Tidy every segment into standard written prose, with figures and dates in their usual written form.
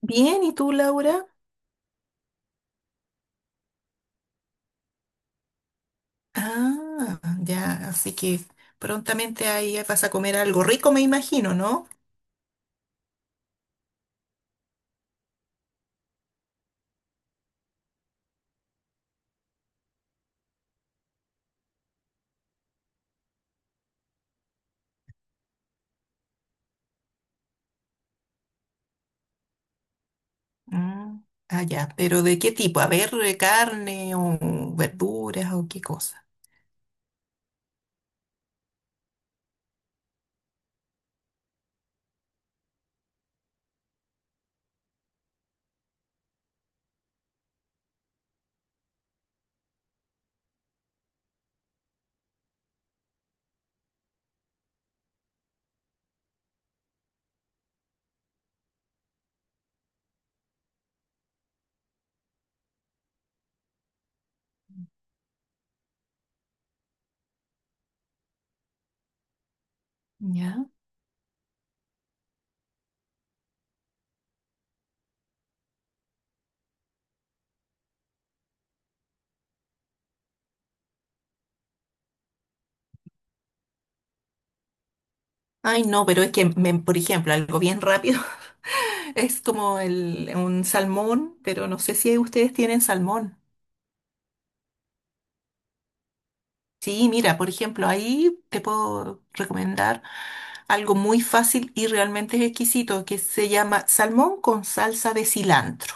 Bien, ¿y tú, Laura? Ah, ya, así que prontamente ahí vas a comer algo rico, me imagino, ¿no? Mm, ah, ya, pero ¿de qué tipo? A ver, carne o verduras o qué cosa. Ya. Ay, no, pero es que, por ejemplo, algo bien rápido es como un salmón, pero no sé si ustedes tienen salmón. Sí, mira, por ejemplo, ahí te puedo recomendar algo muy fácil y realmente exquisito que se llama salmón con salsa de cilantro.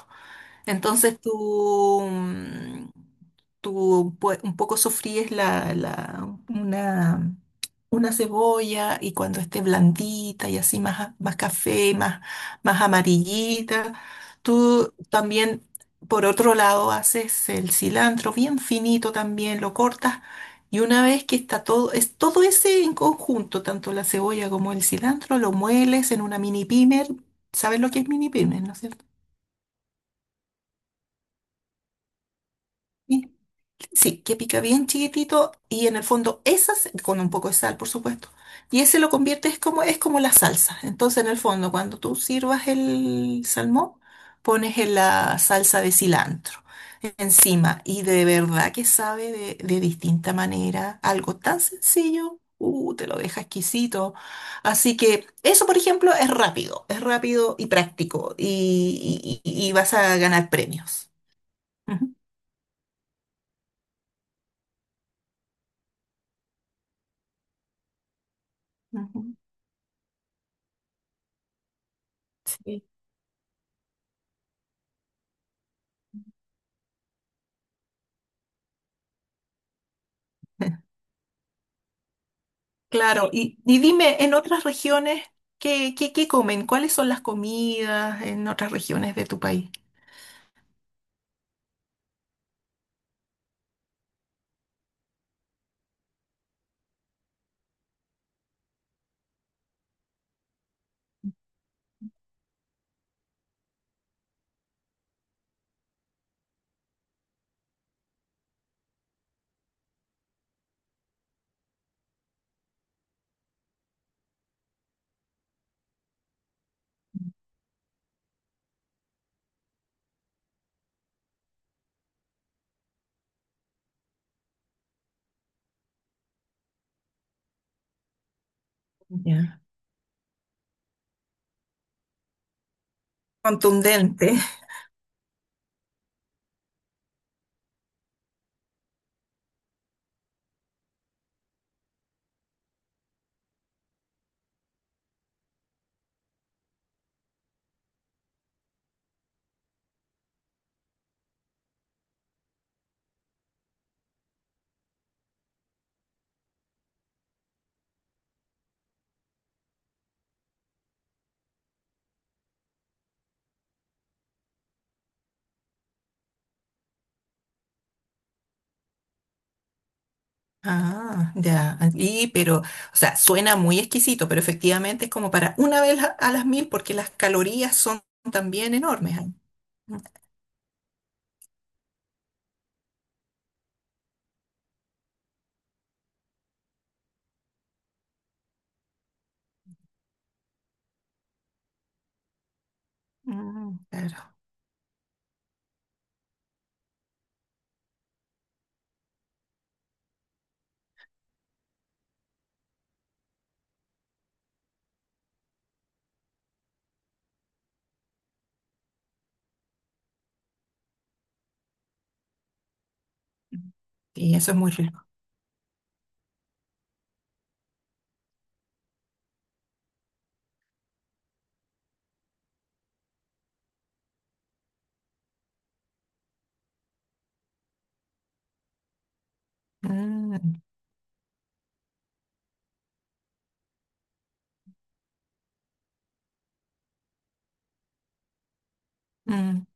Entonces tú un poco sofríes una cebolla y cuando esté blandita y así más, más café, más, más amarillita, tú también, por otro lado, haces el cilantro bien finito también, lo cortas y una vez que está todo, es todo ese en conjunto, tanto la cebolla como el cilantro, lo mueles en una mini pimer. ¿Sabes lo que es mini pimer, no es cierto? Sí. Sí, que pica bien chiquitito y en el fondo esas, con un poco de sal, por supuesto. Y ese lo conviertes como, es como la salsa. Entonces, en el fondo, cuando tú sirvas el salmón, pones en la salsa de cilantro encima. Y de verdad que sabe de distinta manera. Algo tan sencillo, te lo deja exquisito. Así que eso, por ejemplo, es rápido. Es rápido y práctico. Y vas a ganar premios. Ujú, ujú. Sí. Claro, y dime, en otras regiones, ¿qué comen? ¿Cuáles son las comidas en otras regiones de tu país? Ya. Contundente. Ah, ya. Y, pero, o sea, suena muy exquisito, pero efectivamente es como para una vez a las mil, porque las calorías son también enormes. Mm, claro. Y eso es muy rico. Mm, mm.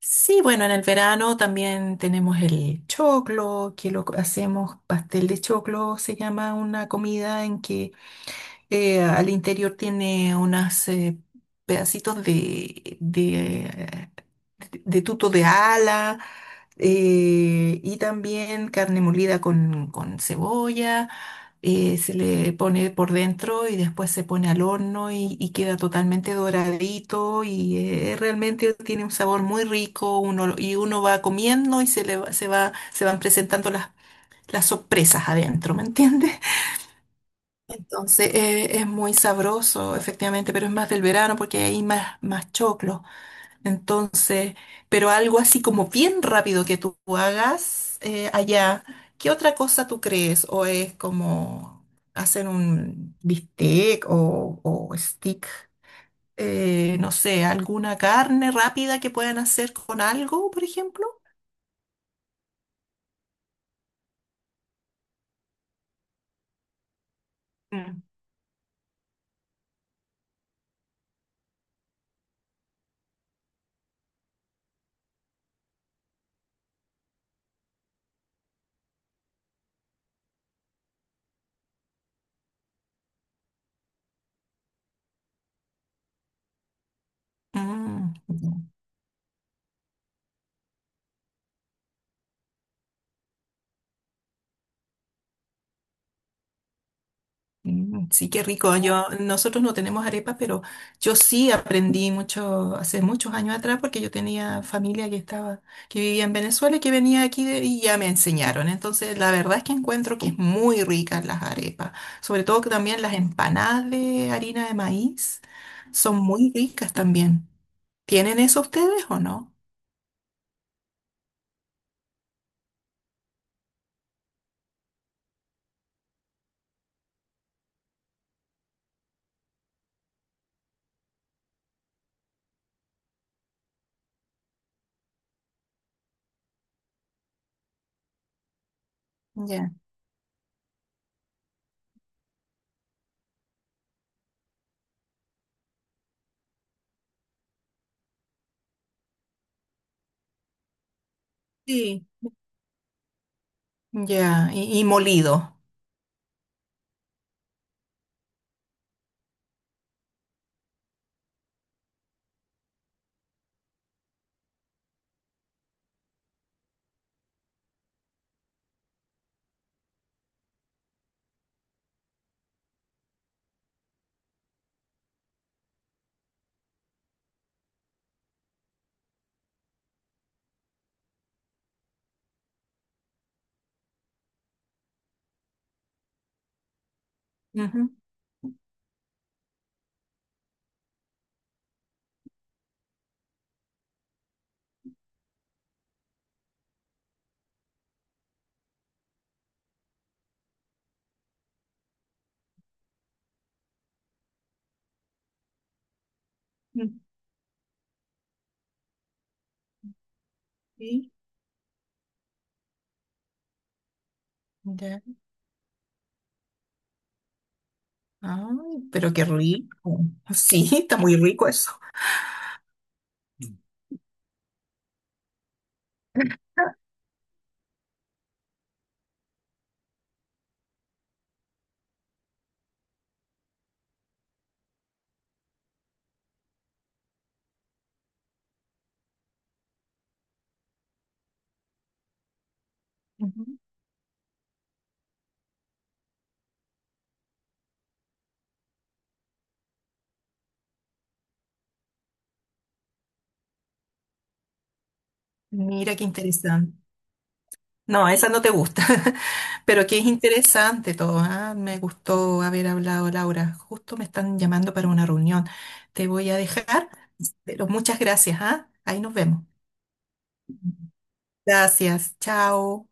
Sí, bueno, en el verano también tenemos el choclo, que lo hacemos pastel de choclo, se llama una comida en que al interior tiene unos pedacitos de tuto de ala y también carne molida con cebolla. Se le pone por dentro y después se pone al horno y queda totalmente doradito y realmente tiene un sabor muy rico uno, y uno va comiendo y se le va, se van presentando las sorpresas adentro, ¿me entiendes? Entonces es muy sabroso, efectivamente, pero es más del verano porque hay más, más choclo. Entonces, pero algo así como bien rápido que tú hagas allá, ¿qué otra cosa tú crees? ¿O es como hacer un bistec o stick? No sé, alguna carne rápida que puedan hacer con algo, por ejemplo. Mm. Mm, ya. Mm, sí, qué rico. Yo, nosotros no tenemos arepas, pero yo sí aprendí mucho, hace muchos años atrás, porque yo tenía familia que estaba, que vivía en Venezuela y que venía aquí y ya me enseñaron. Entonces, la verdad es que encuentro que es muy ricas las arepas, sobre todo que también las empanadas de harina de maíz son muy ricas también. ¿Tienen eso ustedes o no? Ya. Sí. Ya, y molido. Ujú. Mm, sí. Ya. Ay, pero qué rico. Sí, está muy rico eso. Ujú. Mira qué interesante. No, esa no te gusta, pero que es interesante todo. Me gustó haber hablado, Laura. Justo me están llamando para una reunión. Te voy a dejar, pero muchas gracias, ¿ah? Ahí nos vemos. Gracias, chao.